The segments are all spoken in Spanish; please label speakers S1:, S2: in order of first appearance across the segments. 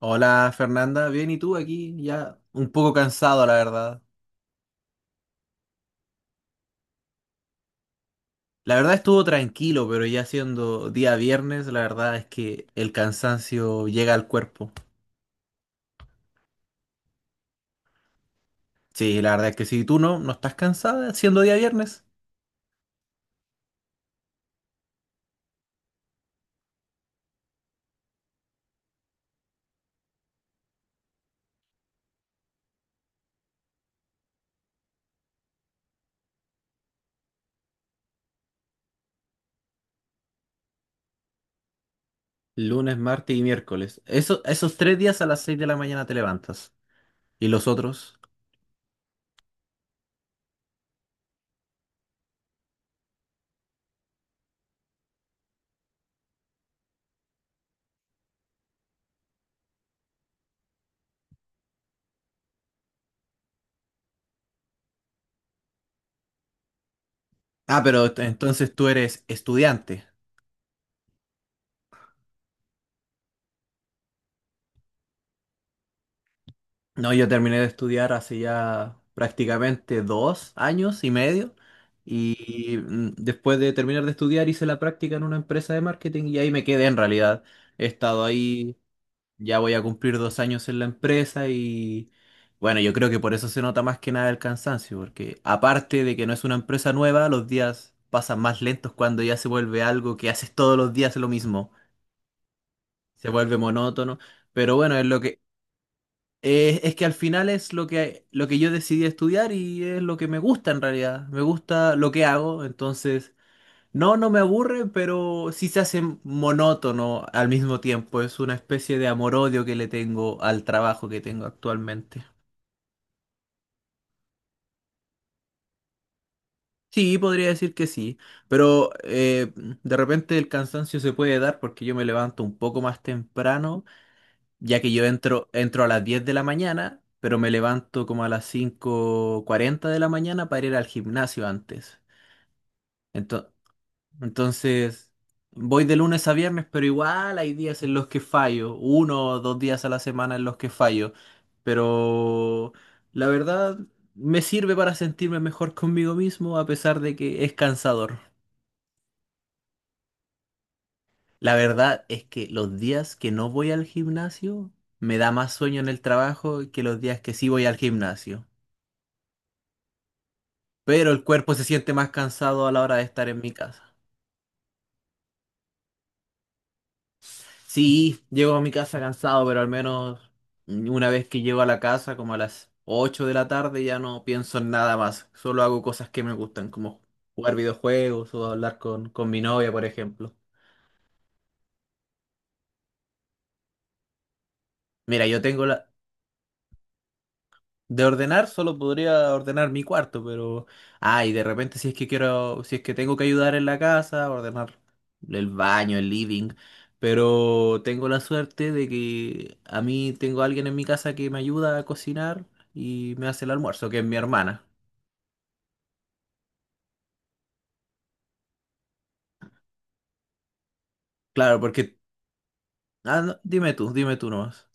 S1: Hola Fernanda, bien, ¿y tú aquí? Ya un poco cansado, la verdad. La verdad estuvo tranquilo, pero ya siendo día viernes, la verdad es que el cansancio llega al cuerpo. Sí, la verdad es que si tú no estás cansada siendo día viernes. Lunes, martes y miércoles. Eso, esos tres días a las 6 de la mañana te levantas. ¿Y los otros? Ah, pero entonces tú eres estudiante. No, yo terminé de estudiar hace ya prácticamente 2 años y medio y después de terminar de estudiar hice la práctica en una empresa de marketing y ahí me quedé en realidad. He estado ahí, ya voy a cumplir 2 años en la empresa y bueno, yo creo que por eso se nota más que nada el cansancio, porque aparte de que no es una empresa nueva, los días pasan más lentos cuando ya se vuelve algo que haces todos los días lo mismo, se vuelve monótono. Pero bueno, es lo que, es que al final es lo que yo decidí estudiar y es lo que me gusta en realidad. Me gusta lo que hago, entonces no, no me aburre, pero sí se hace monótono al mismo tiempo. Es una especie de amor-odio que le tengo al trabajo que tengo actualmente. Sí, podría decir que sí, pero de repente el cansancio se puede dar porque yo me levanto un poco más temprano ya que yo entro a las 10 de la mañana, pero me levanto como a las 5:40 de la mañana para ir al gimnasio antes. Ento- entonces, voy de lunes a viernes, pero igual hay días en los que fallo, 1 o 2 días a la semana en los que fallo, pero la verdad me sirve para sentirme mejor conmigo mismo a pesar de que es cansador. La verdad es que los días que no voy al gimnasio me da más sueño en el trabajo que los días que sí voy al gimnasio. Pero el cuerpo se siente más cansado a la hora de estar en mi casa. Sí, llego a mi casa cansado, pero al menos una vez que llego a la casa, como a las 8 de la tarde, ya no pienso en nada más. Solo hago cosas que me gustan, como jugar videojuegos o hablar con mi novia, por ejemplo. Mira, yo tengo la, de ordenar, solo podría ordenar mi cuarto, pero. Ah, y de repente, si es que quiero. Si es que tengo que ayudar en la casa, ordenar el baño, el living. Pero tengo la suerte de que a mí tengo alguien en mi casa que me ayuda a cocinar y me hace el almuerzo, que es mi hermana. Claro, porque. Ah, no, dime tú nomás.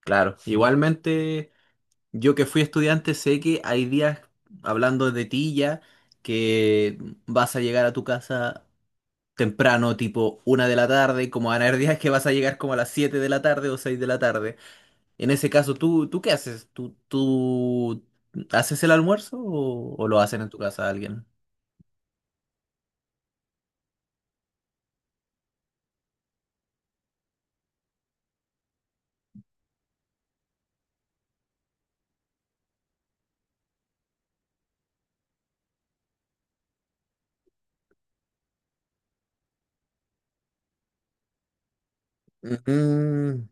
S1: Claro, igualmente, yo que fui estudiante, sé que hay días, hablando de ti ya, que vas a llegar a tu casa temprano, tipo 1 de la tarde, como van a haber días que vas a llegar como a las 7 de la tarde o 6 de la tarde. En ese caso, ¿tú, tú qué haces? ¿Tú, tú haces el almuerzo o lo hacen en tu casa alguien? Mm.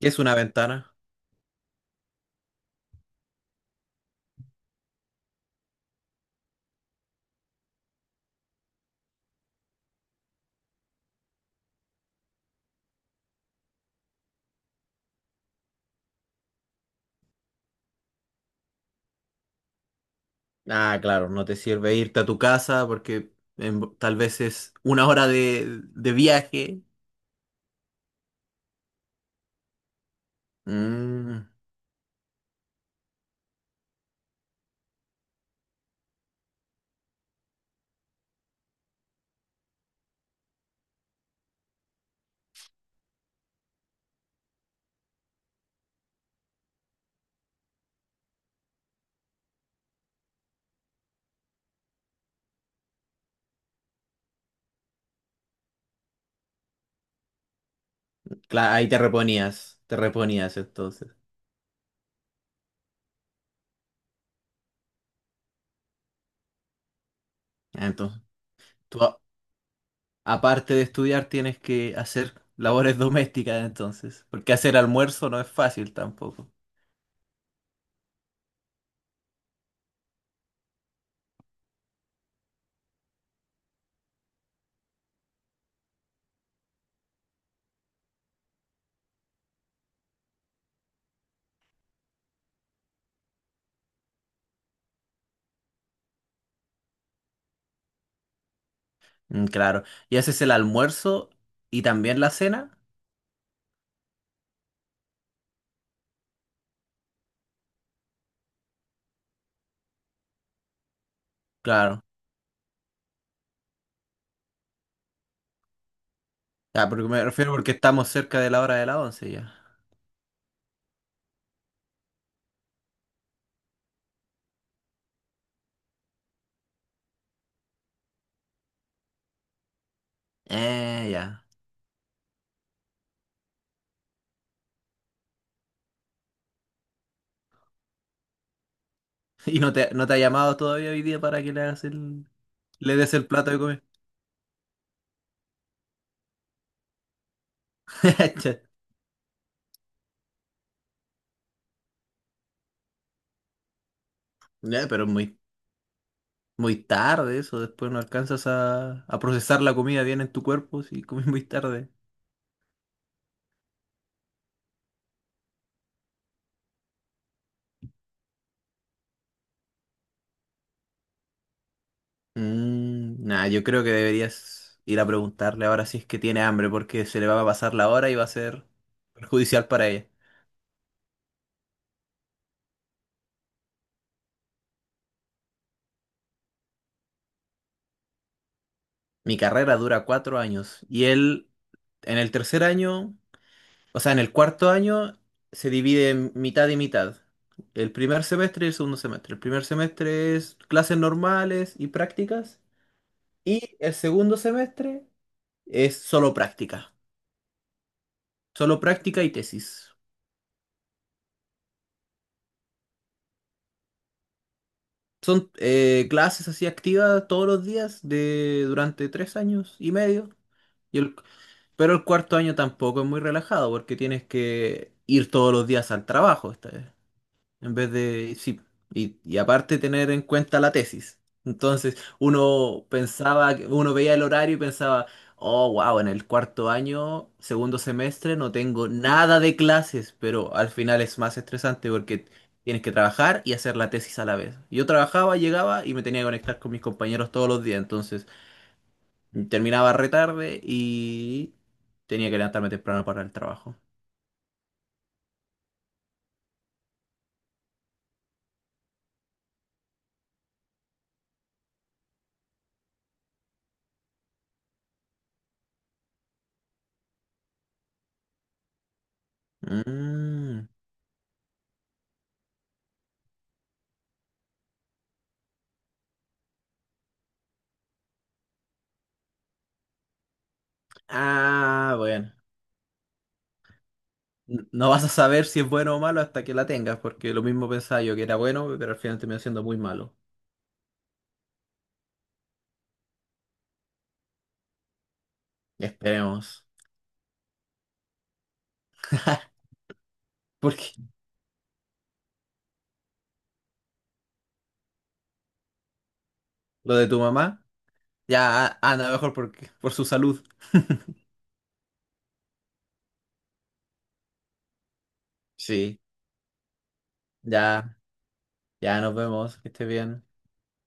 S1: ¿Qué es una ventana? Ah, claro, no te sirve irte a tu casa porque tal vez es una hora de viaje. Mm, ahí te reponías entonces. Ah, entonces, tú, aparte de estudiar, tienes que hacer labores domésticas entonces, porque hacer almuerzo no es fácil tampoco. Mm, claro. ¿Y haces el almuerzo y también la cena? Claro. Ya, porque me refiero porque estamos cerca de la hora de la once ya. Ya. ¿Y no te ha llamado todavía hoy día para que le des el plato de comer? Che. Ya, pero es muy, muy tarde eso, después no alcanzas a procesar la comida bien en tu cuerpo si comes muy tarde. Mm, nah, yo creo que deberías ir a preguntarle ahora si es que tiene hambre, porque se le va a pasar la hora y va a ser perjudicial para ella. Mi carrera dura 4 años y él en el tercer año, o sea, en el cuarto año se divide en mitad y mitad. El primer semestre y el segundo semestre. El primer semestre es clases normales y prácticas y el segundo semestre es solo práctica. Solo práctica y tesis. Son clases así activas todos los días de durante 3 años y medio. Y el- pero el cuarto año tampoco es muy relajado porque tienes que ir todos los días al trabajo esta vez. En vez de, sí, y aparte tener en cuenta la tesis. Entonces, uno pensaba, uno veía el horario y pensaba, oh, wow, en el cuarto año, segundo semestre, no tengo nada de clases, pero al final es más estresante porque tienes que trabajar y hacer la tesis a la vez. Yo trabajaba, llegaba y me tenía que conectar con mis compañeros todos los días, entonces terminaba re tarde y tenía que levantarme temprano para el trabajo. Mm. Ah, bueno. No vas a saber si es bueno o malo hasta que la tengas, porque lo mismo pensaba yo que era bueno, pero al final terminó siendo muy malo. Esperemos. Porque lo de tu mamá, ya, anda mejor porque, por su salud. Sí, ya, ya nos vemos, que estés bien.